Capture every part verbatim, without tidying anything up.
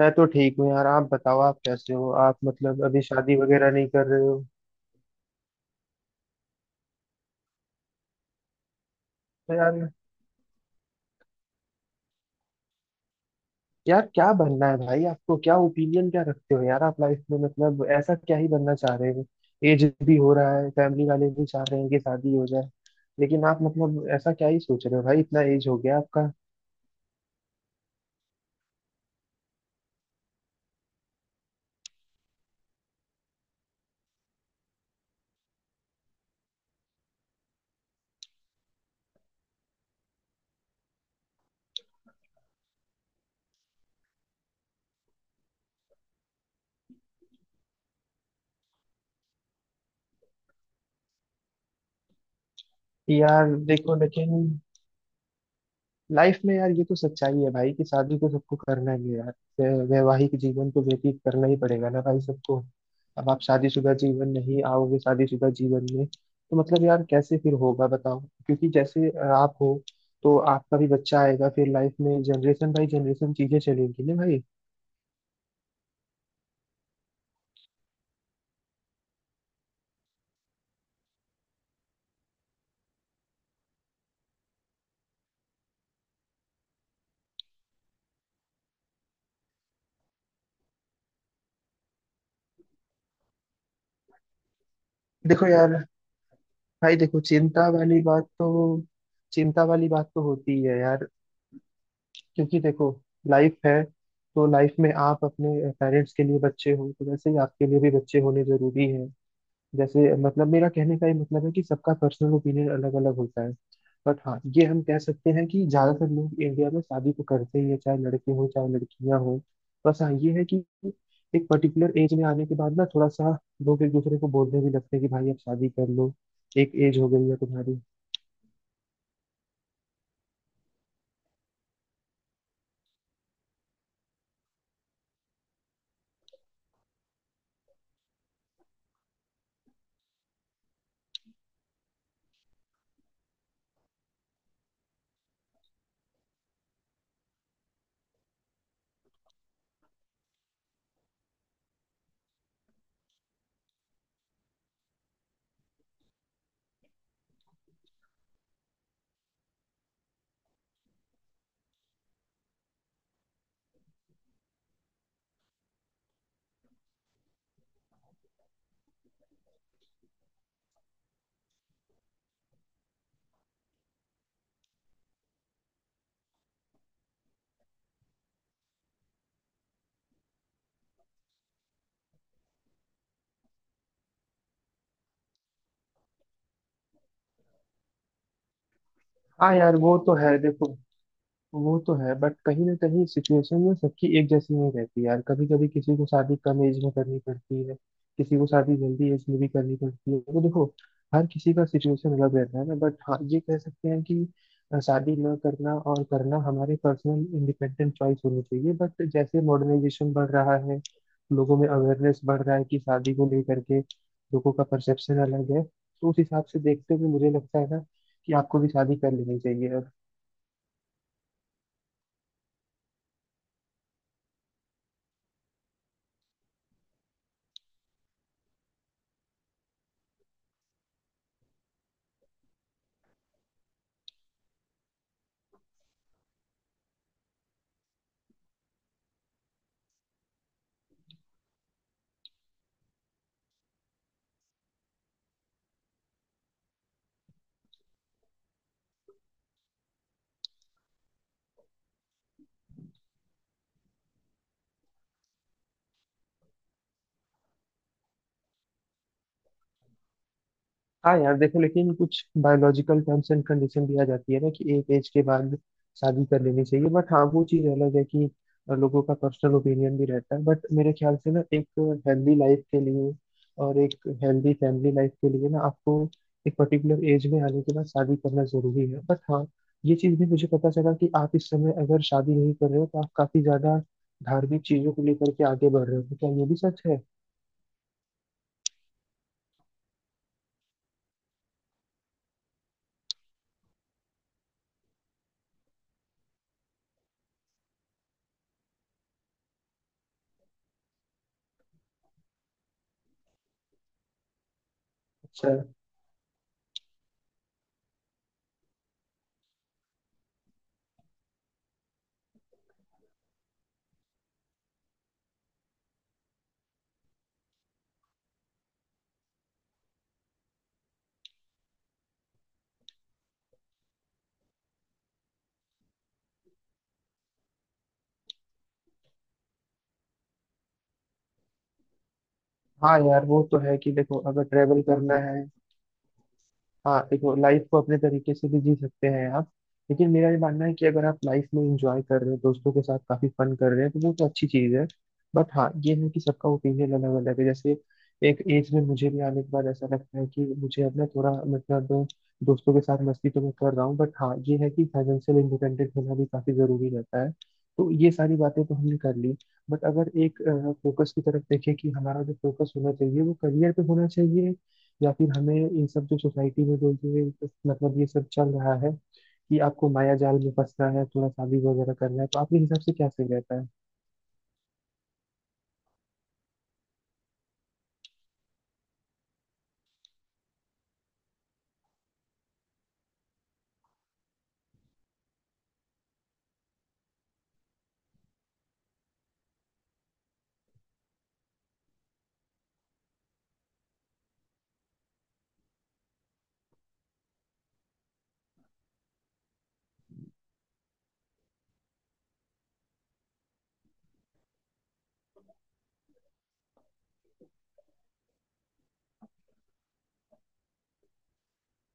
मैं तो ठीक हूँ यार। आप बताओ, आप कैसे हो? आप मतलब अभी शादी वगैरह नहीं कर रहे हो? तो यार, यार क्या बनना है भाई? आपको क्या ओपिनियन, क्या रखते हो यार आप लाइफ में? मतलब ऐसा क्या ही बनना चाह रहे हो? एज भी हो रहा है, फैमिली वाले भी चाह रहे हैं कि शादी हो जाए। लेकिन आप मतलब ऐसा क्या ही सोच रहे हो भाई? इतना एज हो गया आपका। कि यार देखो, लेकिन लाइफ में यार, ये तो सच्चाई है भाई कि शादी तो सबको करना ही है यार। वै- वैवाहिक जीवन तो व्यतीत करना ही पड़ेगा ना भाई सबको। अब आप शादीशुदा जीवन नहीं आओगे, शादीशुदा जीवन में तो मतलब यार कैसे फिर होगा बताओ? क्योंकि जैसे अ, आप हो, तो आपका भी बच्चा आएगा फिर लाइफ में, जनरेशन बाई जनरेशन चीजें चलेंगी ना भाई। देखो यार। भाई देखो, चिंता वाली बात तो चिंता वाली बात तो होती ही है यार। क्योंकि देखो लाइफ है, तो लाइफ में आप अपने पेरेंट्स के लिए बच्चे हो तो वैसे ही आपके लिए भी बच्चे होने जरूरी है। जैसे मतलब मेरा कहने का ये मतलब है कि सबका पर्सनल ओपिनियन अलग अलग होता है। बट हाँ, ये हम कह सकते हैं कि ज्यादातर लोग इंडिया में शादी तो करते ही है, चाहे लड़के हो चाहे लड़कियां हो। बस हाँ ये है कि एक पर्टिकुलर एज में आने के बाद ना थोड़ा सा लोग एक दूसरे को बोलने भी लगते हैं कि भाई अब शादी कर लो, एक एज हो गई है तुम्हारी। हाँ यार, वो तो है। देखो, वो तो है बट कहीं ना कहीं सिचुएशन में सबकी एक जैसी नहीं रहती यार। कभी कभी किसी को शादी कम एज में करनी पड़ती है, किसी को शादी जल्दी एज में भी करनी पड़ती है, तो देखो हर किसी का सिचुएशन अलग रहता है ना। बट हाँ, ये कह सकते हैं कि अ, शादी न करना और करना हमारे पर्सनल इंडिपेंडेंट चॉइस होनी चाहिए। बट जैसे मॉडर्नाइजेशन बढ़ रहा है, लोगों में अवेयरनेस बढ़ रहा है कि शादी को लेकर के लोगों का परसेप्शन अलग है, तो उस हिसाब से देखते हुए मुझे लगता है ना कि आपको भी शादी कर लेनी चाहिए। हाँ यार, देखो लेकिन कुछ बायोलॉजिकल टर्म्स एंड कंडीशन भी आ जाती है ना कि एक एज के बाद शादी कर लेनी चाहिए। बट हाँ, वो चीज़ अलग है कि लोगों का पर्सनल ओपिनियन भी रहता है, बट मेरे ख्याल से ना एक हेल्दी लाइफ के लिए और एक हेल्दी फैमिली लाइफ के लिए ना आपको एक पर्टिकुलर एज में आने के बाद शादी करना जरूरी है। बट हाँ, ये चीज़ भी मुझे पता चला कि आप इस समय अगर शादी नहीं कर रहे हो, तो आप काफी ज्यादा धार्मिक चीजों को लेकर के आगे बढ़ रहे हो, तो क्या ये भी सच है? अच्छा। हाँ यार, वो तो है कि देखो अगर ट्रेवल करना है। हाँ देखो, लाइफ को अपने तरीके से भी जी सकते हैं आप, लेकिन मेरा ये मानना है कि अगर आप लाइफ में इंजॉय कर रहे हैं, दोस्तों के साथ काफी फन कर रहे हैं, तो वो तो अच्छी चीज है। बट हाँ ये है कि सबका ओपिनियन अलग अलग है। जैसे एक एज में मुझे भी आने के बाद ऐसा लगता है कि मुझे अपना थोड़ा मतलब दोस्तों के साथ मस्ती तो मैं कर रहा हूँ। बट हाँ ये है कि फाइनेंशियल इंडिपेंडेंट होना भी काफी जरूरी रहता है। तो ये सारी बातें तो हमने कर ली। बट अगर एक फोकस की तरफ देखें कि हमारा जो फोकस होना चाहिए वो करियर पे होना चाहिए, या फिर हमें ये सब जो सोसाइटी में जो ये मतलब ये सब चल रहा है कि आपको माया जाल में फंसना है, थोड़ा शादी वगैरह करना है, तो आपके हिसाब से क्या सही रहता है?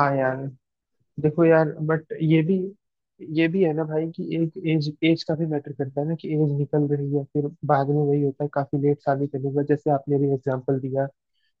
हाँ यार, देखो यार, बट ये भी ये भी है ना भाई कि एक एज एज का भी मैटर करता है ना कि एज निकल रही है, फिर बाद में वही होता है काफी लेट शादी करने के बाद, जैसे आपने भी एग्जांपल दिया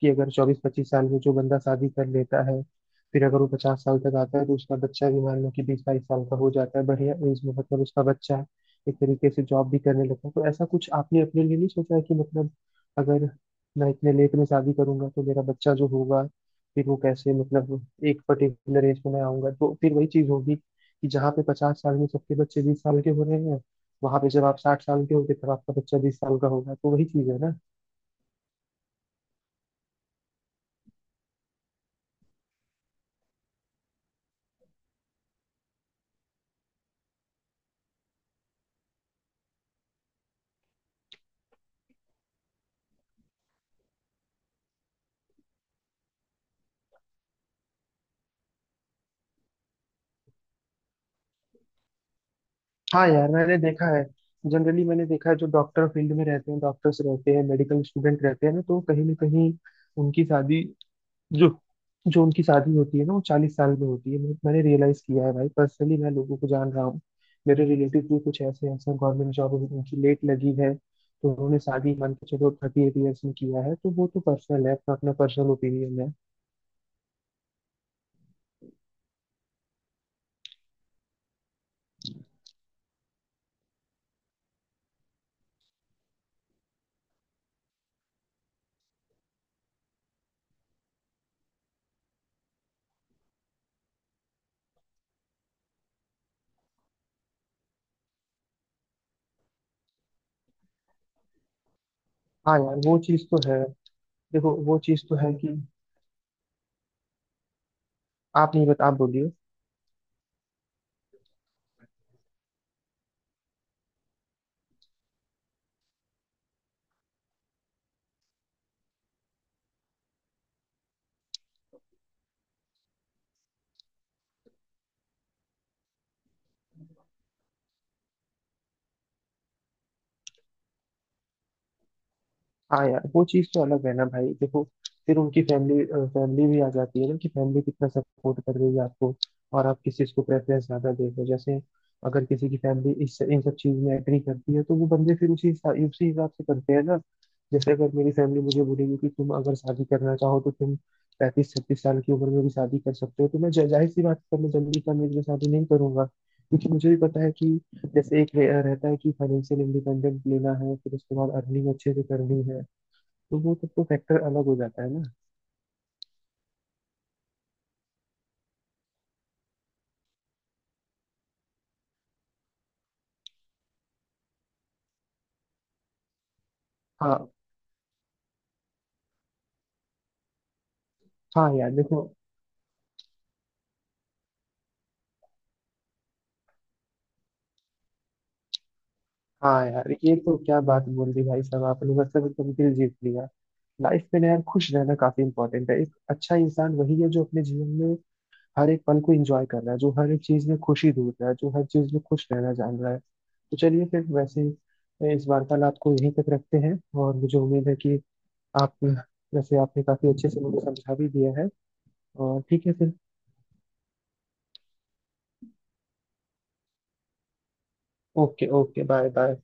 कि अगर चौबीस पच्चीस साल में जो बंदा शादी कर लेता है, फिर अगर वो पचास साल तक आता है तो उसका बच्चा भी मान लो कि बीस बाईस साल का हो जाता है बढ़िया एज में, मतलब उसका बच्चा एक तरीके से जॉब भी करने लगता है। तो ऐसा कुछ आपने अपने लिए नहीं सोचा है कि मतलब अगर मैं इतने लेट में शादी करूंगा तो मेरा बच्चा जो होगा फिर वो कैसे, मतलब एक पर्टिकुलर एज में मैं आऊंगा तो फिर वही चीज होगी कि जहाँ पे पचास साल में सबके बच्चे बीस साल के हो रहे हैं, वहां पे जब आप साठ साल के होंगे तब आपका बच्चा बीस साल का होगा, तो वही चीज है ना। हाँ यार, मैंने देखा है। जनरली मैंने देखा है, जो डॉक्टर फील्ड में रहते हैं, डॉक्टर्स रहते हैं, मेडिकल स्टूडेंट रहते हैं ना, तो कहीं ना कहीं उनकी शादी जो जो उनकी शादी होती है ना, वो चालीस साल में होती है। मैं- मैंने रियलाइज किया है भाई, पर्सनली मैं लोगों को जान रहा हूँ। मेरे रिलेटिव भी कुछ ऐसे ऐसे गवर्नमेंट जॉब, उनकी लेट लगी है तो उन्होंने शादी मान के चलो थर्टी एट ईयर्स में किया है, तो वो तो पर्सनल है, अपना अपना पर्सनल ओपिनियन है। हाँ यार, वो चीज़ तो है। देखो, वो चीज़ तो है कि आप नहीं बता, आप बोलिए। हाँ यार, वो चीज़ तो अलग है ना भाई। देखो, फिर उनकी फैमिली फैमिली भी आ जाती है ना कि फैमिली कितना सपोर्ट कर रही है आपको? और आप किस चीज़ को प्रेफरेंस ज़्यादा दे रहे हो? जैसे अगर किसी की फैमिली इस इन सब चीज़ में एग्री करती है तो वो बंदे फिर उसी हिसाब उसी हिसाब से करते हैं ना। जैसे अगर मेरी फैमिली मुझे बोलेगी कि तुम अगर शादी करना चाहो तो तुम पैंतीस छत्तीस साल की उम्र में भी शादी कर सकते हो, तो मैं जा- जाहिर सी बात है मैं जल्दी का मेरी शादी नहीं करूंगा। क्योंकि मुझे भी पता है कि जैसे एक रे- रहता है कि फाइनेंशियल इंडिपेंडेंट लेना है, फिर उसके बाद अर्निंग अच्छे से करनी है, तो वो सब तो फैक्टर अलग हो जाता है ना। हाँ। हाँ यार देखो। हाँ यार, ये तो क्या बात बोल दी भाई साहब आपने! मतलब एकदम दिल जीत लिया। लाइफ में ना यार खुश रहना काफी इंपॉर्टेंट है। एक अच्छा इंसान वही है जो अपने जीवन में हर एक पल को एंजॉय कर रहा है, जो हर एक चीज में खुशी ढूंढ रहा है, जो हर चीज में खुश रहना जान रहा है। तो चलिए फिर वैसे ही इस वार्तालाप को यहीं तक रखते हैं, और मुझे उम्मीद है कि आप वैसे आपने काफी अच्छे से मुझे समझा भी दिया है, और ठीक है फिर। Okay okay, bye bye.